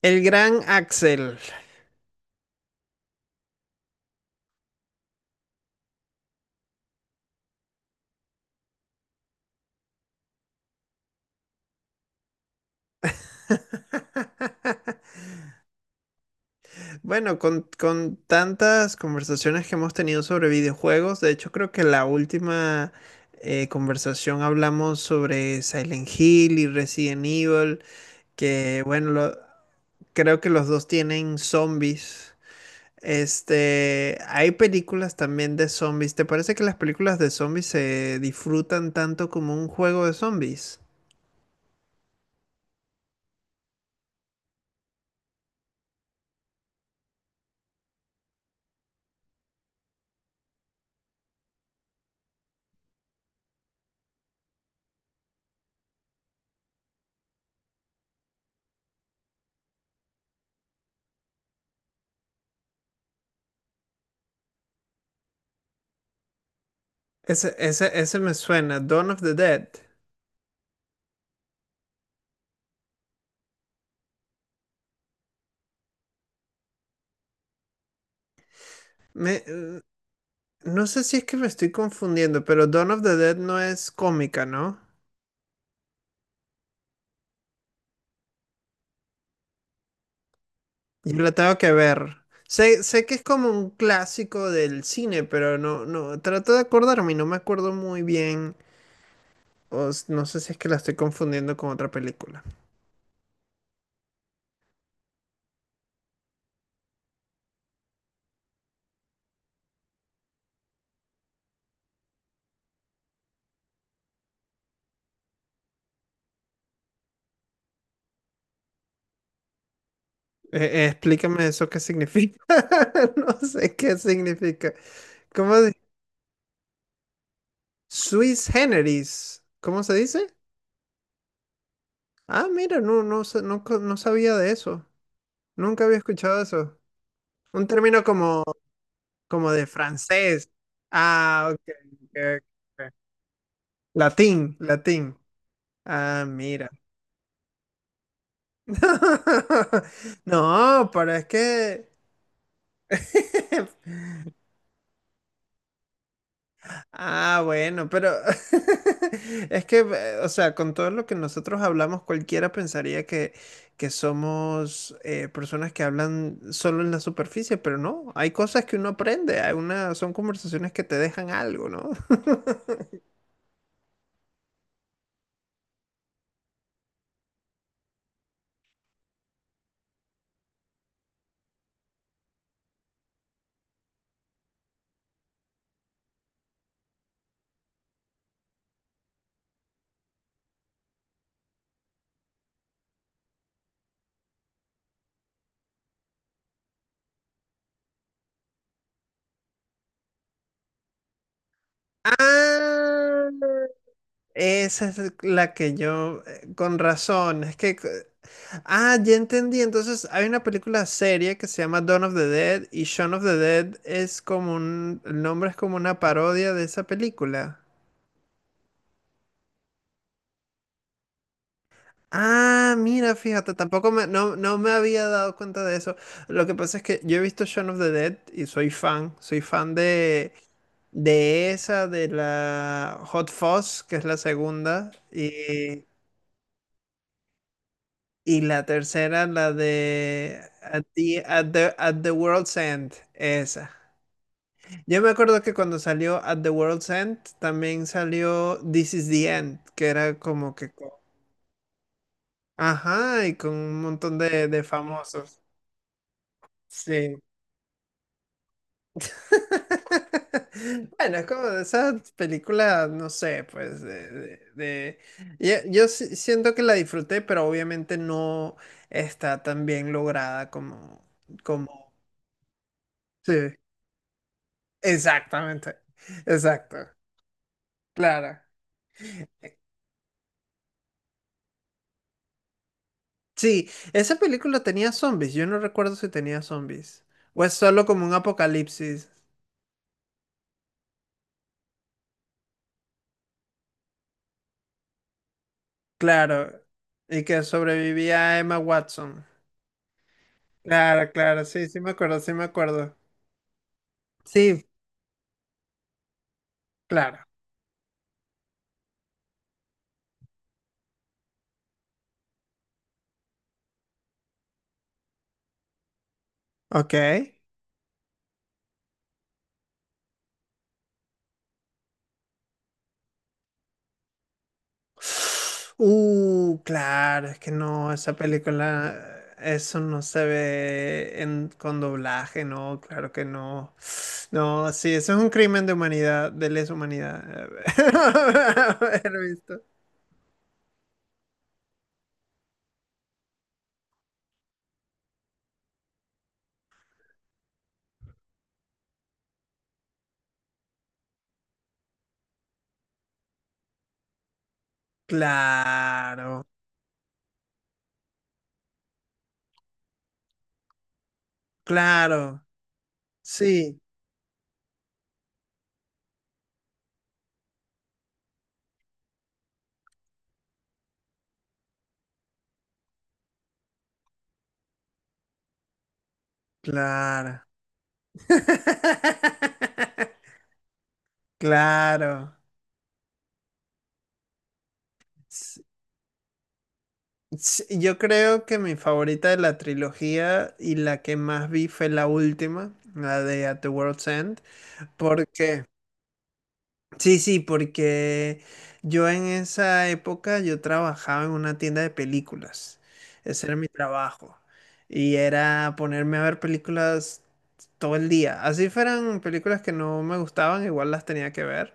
El gran Axel. Bueno, con tantas conversaciones que hemos tenido sobre videojuegos, de hecho creo que la última conversación hablamos sobre Silent Hill y Resident Evil, que bueno, creo que los dos tienen zombies. Este, hay películas también de zombies. ¿Te parece que las películas de zombies se disfrutan tanto como un juego de zombies? Ese me suena, Dawn of the Dead. Me, eh, no sé si es que me estoy confundiendo, pero Dawn of the Dead no es cómica, ¿no? Yo la tengo que ver. Sé que es como un clásico del cine, pero no, no, trato de acordarme y no me acuerdo muy bien. No sé si es que la estoy confundiendo con otra película. Explícame eso qué significa. No sé qué significa. ¿Cómo se- Swiss generis. ¿Cómo se dice? Ah, mira, no sabía de eso. Nunca había escuchado eso. Un término como, como de francés. Ah, ok. ok, ok. Latín, latín. Ah, mira. No, pero es que, Ah, bueno, pero es que, o sea, con todo lo que nosotros hablamos, cualquiera pensaría que somos personas que hablan solo en la superficie, pero no, hay cosas que uno aprende, hay una, son conversaciones que te dejan algo, ¿no? Ah, esa es la que yo, con razón, es que ah, ya entendí. Entonces, hay una película seria que se llama Dawn of the Dead y Shaun of the Dead es como un, el nombre es como una parodia de esa película. Ah, mira, fíjate, tampoco me, no, no me había dado cuenta de eso. Lo que pasa es que yo he visto Shaun of the Dead y soy fan de esa, de la Hot Fuzz, que es la segunda, y la tercera, la de At the World's End, esa. Yo me acuerdo que cuando salió At the World's End, también salió This is the End, que era como que... Ajá, y con un montón de famosos. Sí. Bueno, es como de esas películas, no sé, pues de... yo, sí siento que la disfruté, pero obviamente no está tan bien lograda como... como... Sí, exactamente. Exacto. Claro. Sí, esa película tenía zombies. Yo no recuerdo si tenía zombies. O es solo como un apocalipsis. Claro. Y que sobrevivía Emma Watson. Claro, claro. Sí me acuerdo. Sí, claro. Ok. Claro. Es que no, esa película, eso no se ve en, con doblaje, no, claro que no. No, sí, eso es un crimen de humanidad, de lesa humanidad. Haber visto. Claro, claro, sí, claro. Claro. S- Yo creo que mi favorita de la trilogía y la que más vi fue la última, la de At the World's End, porque sí, sí, porque yo en esa época yo trabajaba en una tienda de películas. Ese era mi trabajo. Y era ponerme a ver películas todo el día. Así fueran películas que no me gustaban, igual las tenía que ver.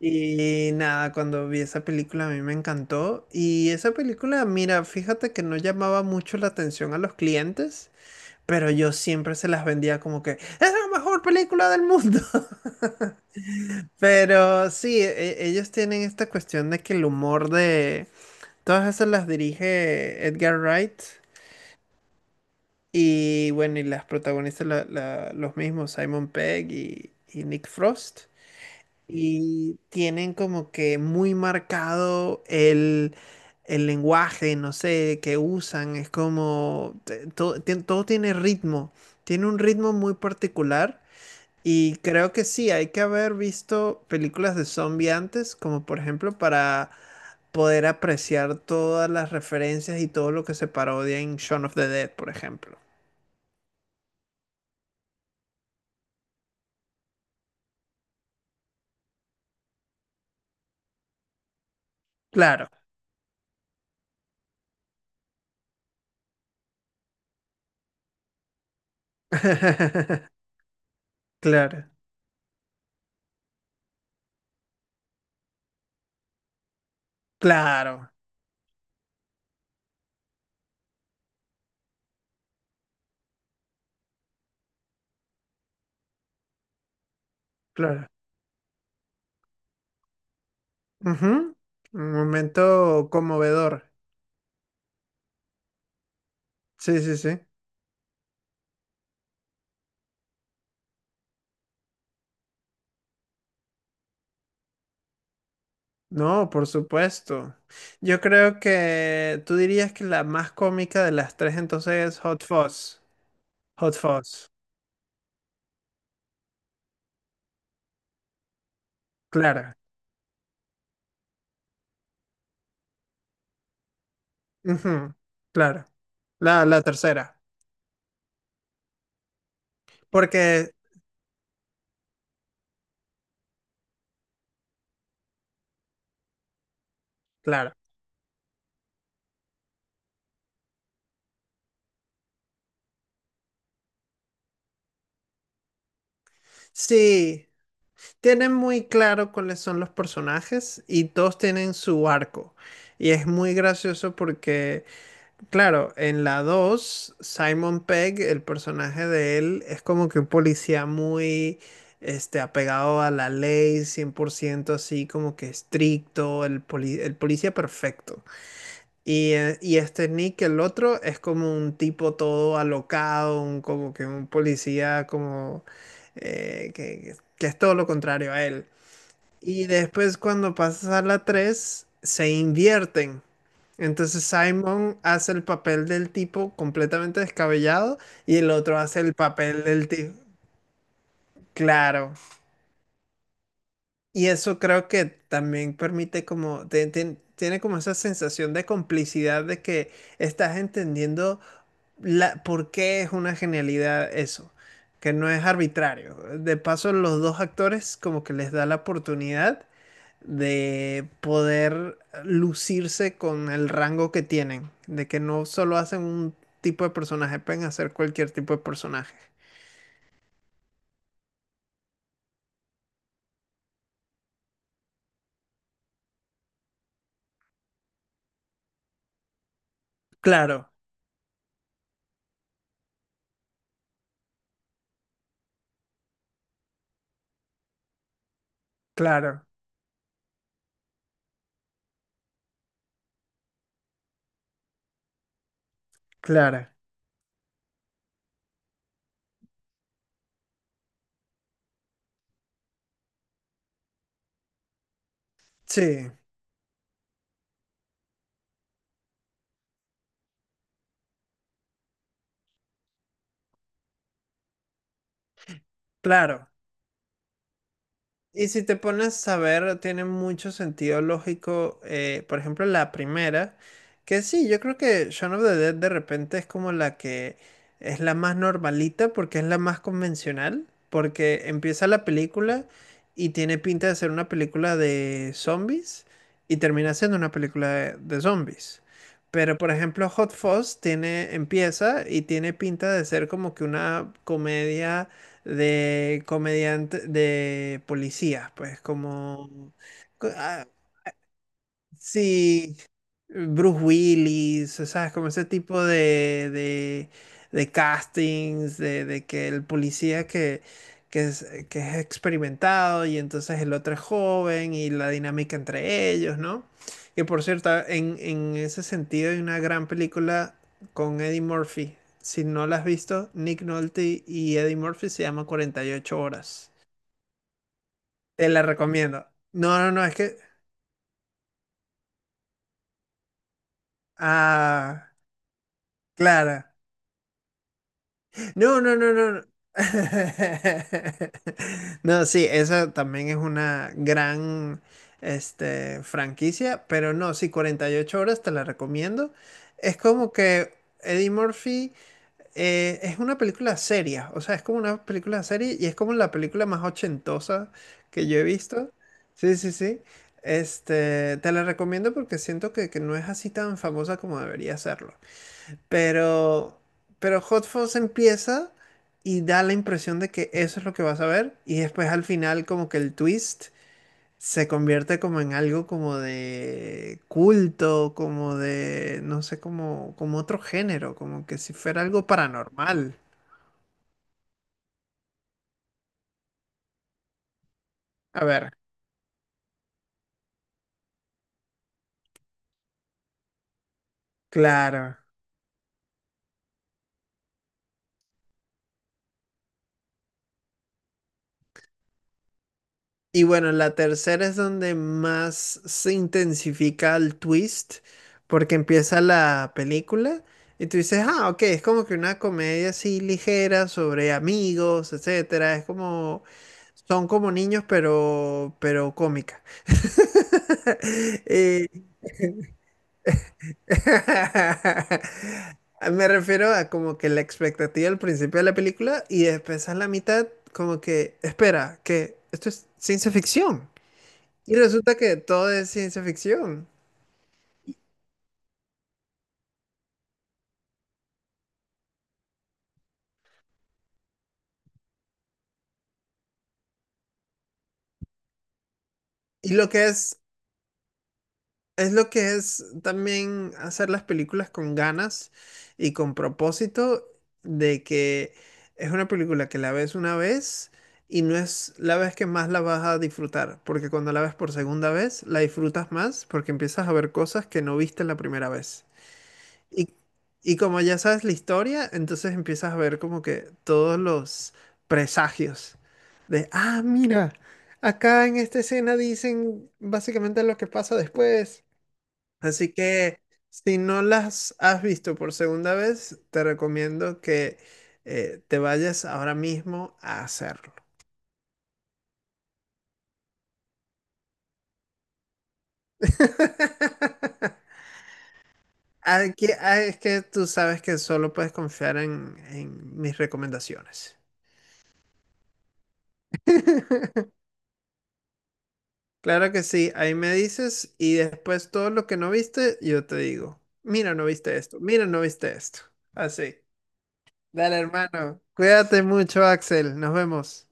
Y nada, cuando vi esa película a mí me encantó. Y esa película, mira, fíjate que no llamaba mucho la atención a los clientes, pero yo siempre se las vendía como que es la mejor película del mundo. Pero sí, ellos tienen esta cuestión de que el humor de... Todas esas las dirige Edgar Wright y bueno, y las protagonistas los mismos, Simon Pegg y Nick Frost. Y tienen como que muy marcado el lenguaje, no sé, que usan. Es como... todo, todo tiene ritmo. Tiene un ritmo muy particular. Y creo que sí, hay que haber visto películas de zombie antes, como por ejemplo para poder apreciar todas las referencias y todo lo que se parodia en Shaun of the Dead, por ejemplo. Claro. Claro, claro, claro. Ujú. Un momento conmovedor. Sí, sí, sí. No, por supuesto. Yo creo que tú dirías que la más cómica de las tres entonces es Hot Fuzz. Hot Fuzz. Claro. Ujú, claro, la tercera, porque, claro, sí, tienen muy claro cuáles son los personajes y todos tienen su arco. Y es muy gracioso porque, claro, en la 2 Simon Pegg, el personaje de él, es como que un policía muy, este, apegado a la ley, 100% así, como que estricto, el, el policía perfecto. Y este Nick, el otro, es como un tipo todo alocado, como que un policía como que es todo lo contrario a él. Y después cuando pasas a la 3 se invierten. Entonces Simon hace el papel del tipo completamente descabellado y el otro hace el papel del tipo, claro. Y eso creo que también permite como, tiene como esa sensación de complicidad de que estás entendiendo la, ¿por qué es una genialidad eso? Que no es arbitrario. De paso, los dos actores como que les da la oportunidad de poder lucirse con el rango que tienen, de que no solo hacen un tipo de personaje, pueden hacer cualquier tipo de personaje. Claro, claro, claro. Sí, claro. Y si te pones a ver, tiene mucho sentido lógico, por ejemplo, la primera, que sí, yo creo que Shaun of the Dead de repente es como la que es la más normalita porque es la más convencional, porque empieza la película y tiene pinta de ser una película de zombies y termina siendo una película de zombies. Pero por ejemplo, Hot Fuzz tiene, empieza y tiene pinta de ser como que una comedia de comediante, de policías, pues como... co- ah, sí, Bruce Willis, o sea, como ese tipo de castings, de que el policía que es, que es experimentado y entonces el otro es joven y la dinámica entre ellos, ¿no? Que por cierto, en ese sentido hay una gran película con Eddie Murphy. Si no la has visto, Nick Nolte y Eddie Murphy se llama 48 horas. Te la recomiendo. No, no, no, es que... Ah, claro. No, no, no, no. No, no, sí, esa también es una gran este, franquicia, pero no, sí, 48 horas te la recomiendo. Es como que Eddie Murphy es una película seria, o sea, es como una película seria y es como la película más ochentosa que yo he visto. Sí, sí, sí. Este, te la recomiendo porque siento que no es así tan famosa como debería serlo. Pero, pero Hot Fuzz empieza y da la impresión de que eso es lo que vas a ver. Y después al final como que el twist se convierte como en algo como de culto, como de, no sé, como, como otro género, como que si fuera algo paranormal. A ver, claro. Y bueno, la tercera es donde más se intensifica el twist, porque empieza la película y tú dices, ah, ok, es como que una comedia así ligera sobre amigos, etcétera. Es como, son como niños, pero cómica. Eh, me refiero a como que la expectativa al principio de la película y después a la mitad, como que, espera, que esto es ciencia ficción. Y resulta que todo es ciencia ficción. Y lo que es, es lo que es también hacer las películas con ganas y con propósito de que es una película que la ves una vez y no es la vez que más la vas a disfrutar, porque cuando la ves por segunda vez, la disfrutas más porque empiezas a ver cosas que no viste la primera vez. Y, y como ya sabes la historia, entonces empiezas a ver como que todos los presagios de, ah, mira, acá en esta escena dicen básicamente lo que pasa después. Así que si no las has visto por segunda vez, te recomiendo que te vayas ahora mismo a hacerlo. Ah, es que tú sabes que solo puedes confiar en mis recomendaciones. Claro que sí, ahí me dices y después todo lo que no viste, yo te digo, mira, no viste esto, mira, no viste esto. Así. Dale, hermano. Cuídate mucho, Axel. Nos vemos.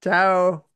Chao.